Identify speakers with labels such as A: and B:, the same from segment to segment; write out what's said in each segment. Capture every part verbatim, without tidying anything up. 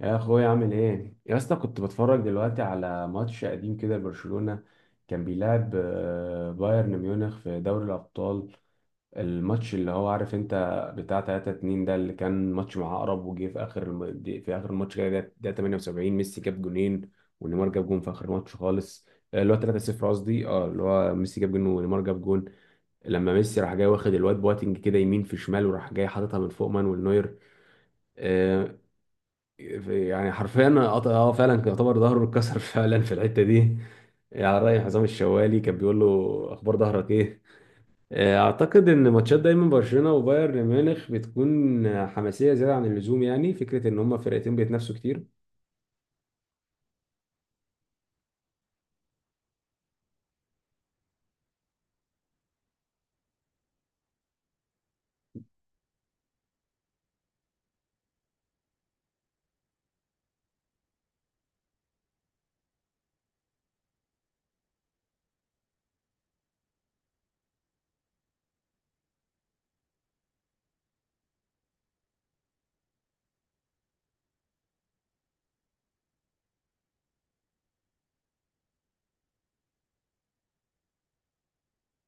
A: يا اخويا، عامل ايه يا اسطى؟ كنت بتفرج دلوقتي على ماتش قديم كده لبرشلونة، كان بيلعب آه، بايرن ميونخ في دوري الابطال. الماتش اللي هو عارف انت، بتاع ثلاثة اتنين ده، اللي كان ماتش مع عقرب وجه في اخر الم- دي- في اخر الماتش كده، ده ده ثمانية وسبعين ميسي جاب جونين، ونيمار جاب جون في اخر الماتش خالص. آه، اللي هو ثلاثة صفر قصدي، اه اللي هو ميسي جاب جون ونيمار جاب جون. لما ميسي راح جاي واخد الواد بواتنج كده يمين في شمال، وراح جاي حاططها من فوق مانويل نوير. في- يعني حرفيا قط- اه فعلا كان يعتبر ظهره اتكسر فعلا في الحته دي. يعني الرايح عصام الشوالي كان بيقول له: اخبار ظهرك ايه؟ آه، اعتقد ان ماتشات دايما برشلونه وبايرن ميونخ بتكون آه، حماسيه زياده عن اللزوم، يعني فكره ان هما فرقتين بيتنافسوا كتير.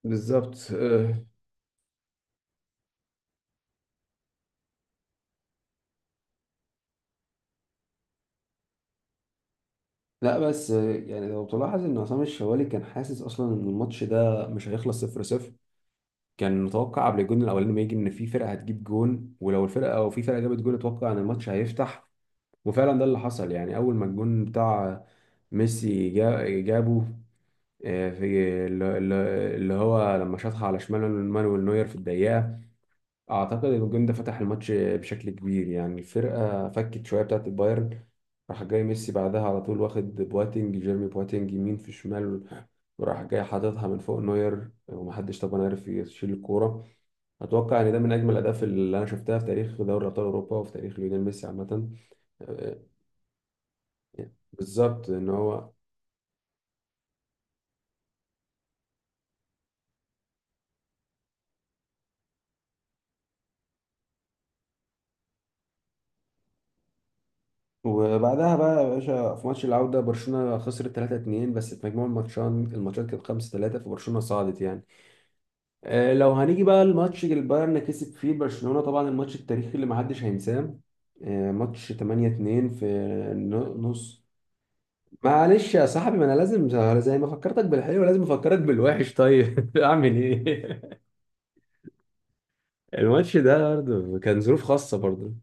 A: بالظبط. آه، لا بس آه، يعني لو تلاحظ ان عصام الشوالي كان حاسس اصلا ان الماتش ده مش هيخلص صفر صفر، كان متوقع قبل الجون الاولاني ما يجي ان في فرقه هتجيب جون، ولو الفرقه او في فرقه جابت جون اتوقع ان الماتش هيفتح. وفعلا ده اللي حصل، يعني اول ما الجون بتاع ميسي جا- جابه، آه، في اللي اللي- اللي هو لما شاطها على شمال مانويل نوير في الدقيقة، اعتقد ان الجون ده فتح الماتش بشكل كبير. يعني الفرقة فكت شوية بتاعت البايرن، راح جاي ميسي بعدها على طول واخد بواتينج جيرمي بواتينج يمين في شمال، وراح جاي حاططها من فوق نوير، ومحدش طبعا عارف يشيل الكورة. اتوقع ان ده من اجمل الاهداف اللي انا شفتها في تاريخ دوري ابطال اوروبا، وفي تاريخ ليونيل ميسي عامة. آه، بالظبط ان هو. وبعدها بقى يا باشا، في ماتش العودة برشلونة خسرت ثلاثة اثنين، بس في مجموع الماتشان الماتشات كانت خمسة ثلاثة، فبرشلونة صعدت يعني. آه، لو هنيجي بقى الماتش اللي البايرن كسب فيه برشلونة، طبعا الماتش التاريخي اللي محدش هينساه، آه، ماتش ثمانية اتنين، في ن- نص، معلش يا صاحبي ما انا لازم، زي ما فكرتك بالحلو لازم افكرك بالوحش، طيب اعمل ايه؟ الماتش ده برضه كان ظروف خاصة برضه.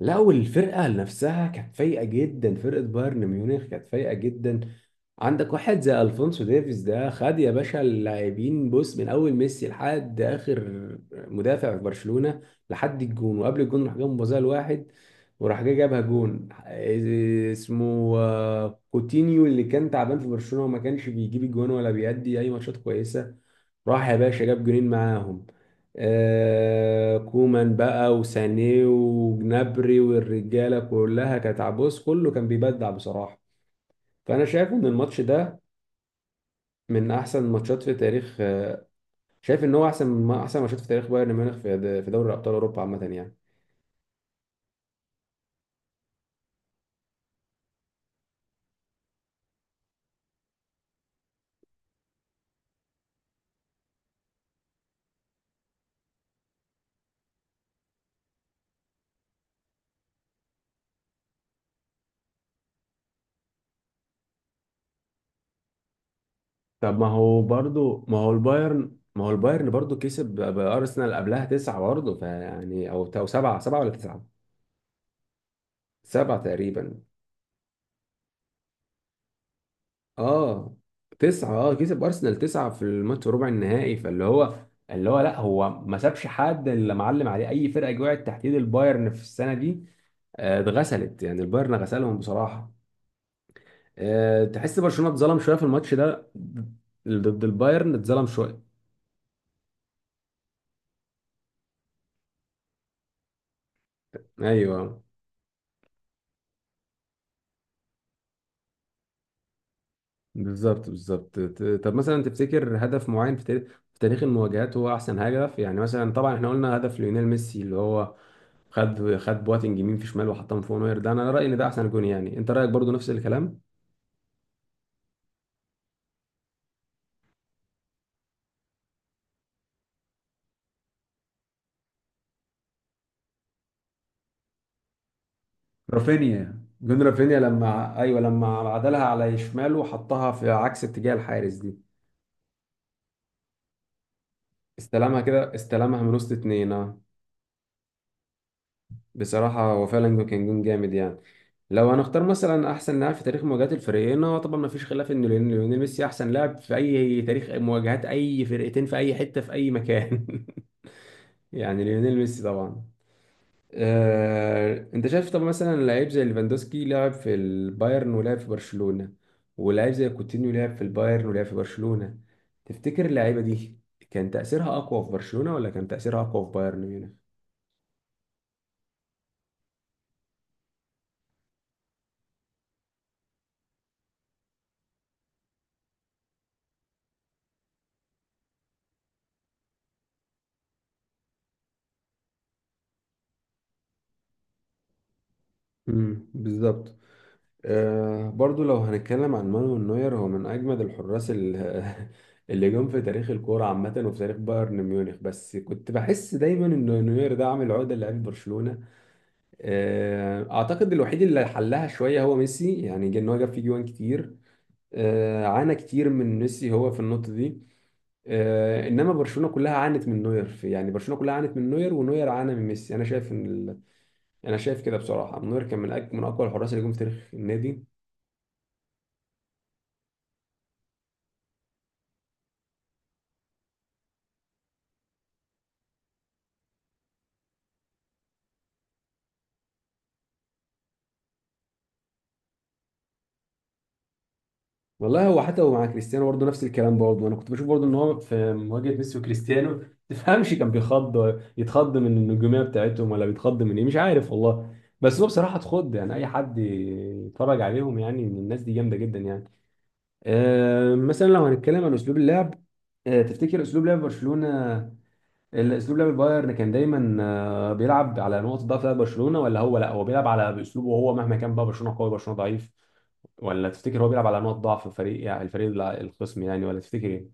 A: لا، والفرقة نفسها كانت فايقة جدا، فرقة بايرن ميونخ كانت فايقة جدا. عندك واحد زي الفونسو ديفيز ده، خد يا باشا اللاعبين بص: من اول ميسي لحد اخر مدافع في برشلونه، لحد الجون، وقبل الجون راح جاب مبازاه لواحد، وراح جاي جابها جون، إيه اسمه؟ آه، كوتينيو، اللي كان تعبان في برشلونه وما كانش بيجيب الجون ولا بيأدي اي ماتشات كويسه، راح يا باشا جاب جونين معاهم. آه كومان بقى وسانيه وجنابري والرجاله كلها كانت عبوس، كله كان بيبدع بصراحه. فانا شايف ان الماتش ده من احسن الماتشات في تاريخ، آه، شايف ان هو احسن ما احسن ماتشات في تاريخ بايرن ميونخ في في دوري ابطال اوروبا عامه يعني. طب، ما هو برضو، ما هو البايرن ما هو البايرن برضو كسب ب- بارسنال قبلها تسعة برضه، فيعني او او سبعة، سبعة ولا تسعة؟ سبعة تقريبا. اه، تسعة. اه كسب ارسنال تسعة في الماتش في ربع النهائي، فاللي هو اللي هو لا، هو ما سابش حد. اللي معلم عليه، اي فرقة وقعت تحت ايد البايرن في السنة دي آه، اتغسلت يعني، البايرن غسلهم بصراحة. آه، تحس برشلونة اتظلم شوية في الماتش ده ضد البايرن، اتظلم شوية. ايوه. بالظبط، بالظبط، ت- طب مثلا تفتكر هدف معين في تاريخ في تاريخ المواجهات هو احسن هدف؟ يعني مثلا طبعا احنا قلنا هدف ليونيل ميسي، اللي هو خد خد بواتنج يمين في شمال وحطهم فوق نوير، ده انا رأيي ان ده احسن جون، يعني انت رأيك برضو نفس الكلام. رافينيا، جون رافينيا لما ع- ايوه، لما عدلها على شماله وحطها في عكس اتجاه الحارس دي. استلمها كده، استلمها من وسط اتنين. آه. بصراحة هو فعلا كان جون جامد يعني. لو هنختار مثلا أحسن لاعب في تاريخ مواجهات الفريقين، هو طبعا مفيش خلاف إن ليون- ليونيل ميسي أحسن لاعب في أي تاريخ مواجهات أي فرقتين في أي حتة في أي مكان. يعني ليونيل ميسي طبعا. آه، أنت شايف، طب مثلا لعيب زي ليفاندوسكي لعب في البايرن ولعب في برشلونة، ولاعب زي كوتينيو لعب في البايرن ولعب في برشلونة، تفتكر اللعيبة دي كان تأثيرها أقوى في برشلونة، ولا كان تأثيرها أقوى في بايرن ميونخ؟ امم بالظبط. آه برضو لو هنتكلم عن مانويل نوير، هو من أجمد الحراس ال- اللي جم في تاريخ الكورة عامة وفي تاريخ بايرن ميونخ، بس كنت بحس دايما إن نوير ده عامل عقدة لعيب برشلونة. آه أعتقد الوحيد اللي حلها شوية هو ميسي، يعني جه- إن هو جاب فيه جوان كتير. آه عانى كتير من ميسي هو في النقطة دي. آه إنما برشلونة كلها عانت من نوير في، يعني برشلونة كلها عانت من نوير، ونوير عانى من ميسي. أنا شايف إن ال... أنا شايف كده بصراحة، نوير كان من أك... من أقوى الحراس اللي جم في تاريخ النادي. والله هو حتى هو مع كريستيانو برضه نفس الكلام برضه، انا كنت بشوف برضه ان هو في مواجهه ميسي وكريستيانو ما تفهمش، كان بيخض، يتخض من النجوميه بتاعتهم ولا بيتخض من ايه، مش عارف والله. بس هو بصراحه اتخض، يعني اي حد يتفرج عليهم يعني، ان الناس دي جامده جدا يعني. آه مثلا لو هنتكلم عن اسلوب اللعب، آه تفتكر اسلوب لعب برشلونه، الاسلوب لعب بايرن كان دايما آه، بيلعب على نقطه ضعف بتاعت برشلونه، ولا هو، لا هو بيلعب على باسلوبه هو مهما كان بقى برشلونه قوي برشلونه ضعيف؟ ولا تفتكر هو بيلعب على نقط ضعف فريق يعني، الفريق الع- الخصم يعني، ولا تفتكر ايه؟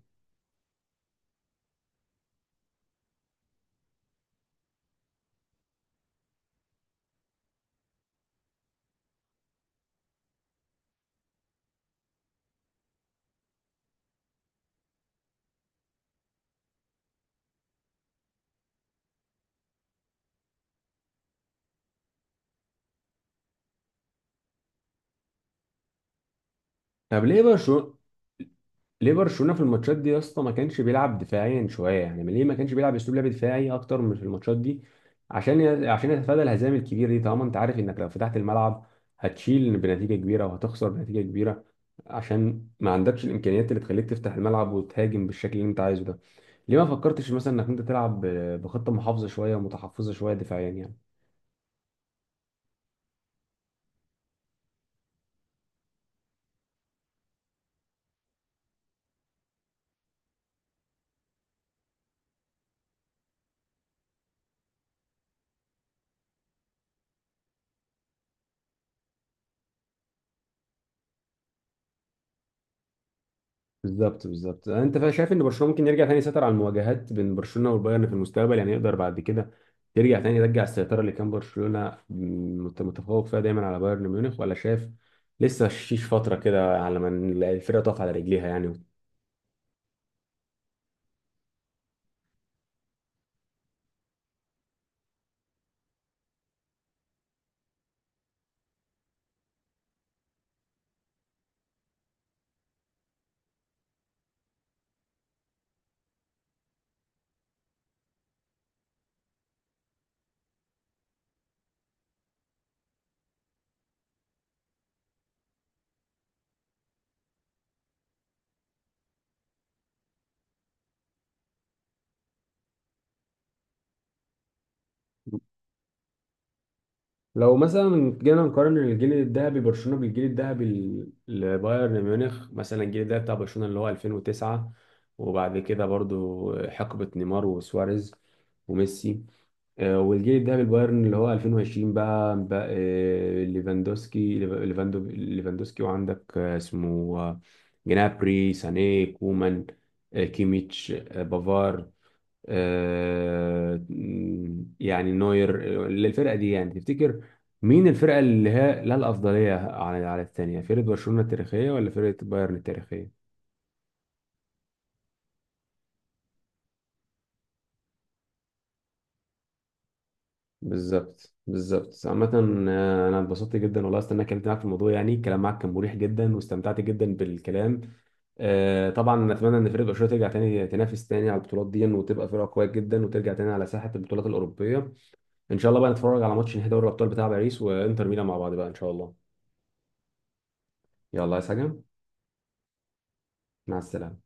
A: طب، ليه برشلونه ليه برشلونه في الماتشات دي يا اسطى ما كانش بيلعب دفاعيا شويه؟ يعني ليه ما كانش بيلعب اسلوب لعب دفاعي اكتر من في الماتشات دي، عشان ي- عشان يتفادى الهزائم الكبيره دي؟ طالما انت عارف انك لو فتحت الملعب هتشيل بنتيجه كبيره وهتخسر بنتيجه كبيره، عشان ما عندكش الامكانيات اللي تخليك تفتح الملعب وتهاجم بالشكل اللي انت عايزه ده، ليه ما فكرتش مثلا انك انت تلعب ب- بخطه محافظه شويه ومتحفظه شويه دفاعيا يعني؟ بالظبط، بالظبط، انت فا- شايف ان برشلونه ممكن يرجع تاني يسيطر على المواجهات بين برشلونه والبايرن في المستقبل يعني؟ يقدر بعد كده يرجع تاني، يرجع السيطره اللي كان برشلونه مت- متفوق فيها دايما على بايرن ميونخ، ولا شايف لسه شيش فتره كده على ما الفرقه تقف على رجليها يعني؟ لو مثلا جينا نقارن الجيل الذهبي برشلونه بالجيل الذهبي ل- لبايرن ميونخ مثلا، الجيل الذهبي بتاع برشلونه اللي هو الفين وتسعة، وبعد كده برضو حقبه نيمار وسواريز وميسي، آه، والجيل الذهبي البايرن اللي هو الفين وعشرين بقى, بقى آه، ليفاندوسكي، ليف- ليفاندو ليفاندوسكي، وعندك آه، اسمه آه، جنابري ساني كومان، آه، كيميتش، آه، بافار، آه، يعني نوير آه، للفرقة دي يعني، تفتكر مين الفرقة اللي هي لها الأفضلية على على الثانية؟ فرقة برشلونة التاريخية ولا فرقة بايرن التاريخية؟ بالظبط، بالظبط، عامة. آه، أنا اتبسطت جدا والله، استنى، اتكلمت معاك في الموضوع، يعني الكلام معاك كان مريح جدا واستمتعت جدا بالكلام. آه، طبعا أتمنى إن فريق برشلونة ترجع تاني تنافس تاني على البطولات دي وتبقى فرقة قوية جدا وترجع تاني على ساحة البطولات الأوروبية. إن شاء الله بقى نتفرج على ماتش نهائي دوري الأبطال بتاع باريس وإنتر ميلان مع بعض بقى، إن شاء الله. يلا، عايز حاجة؟ مع السلامة.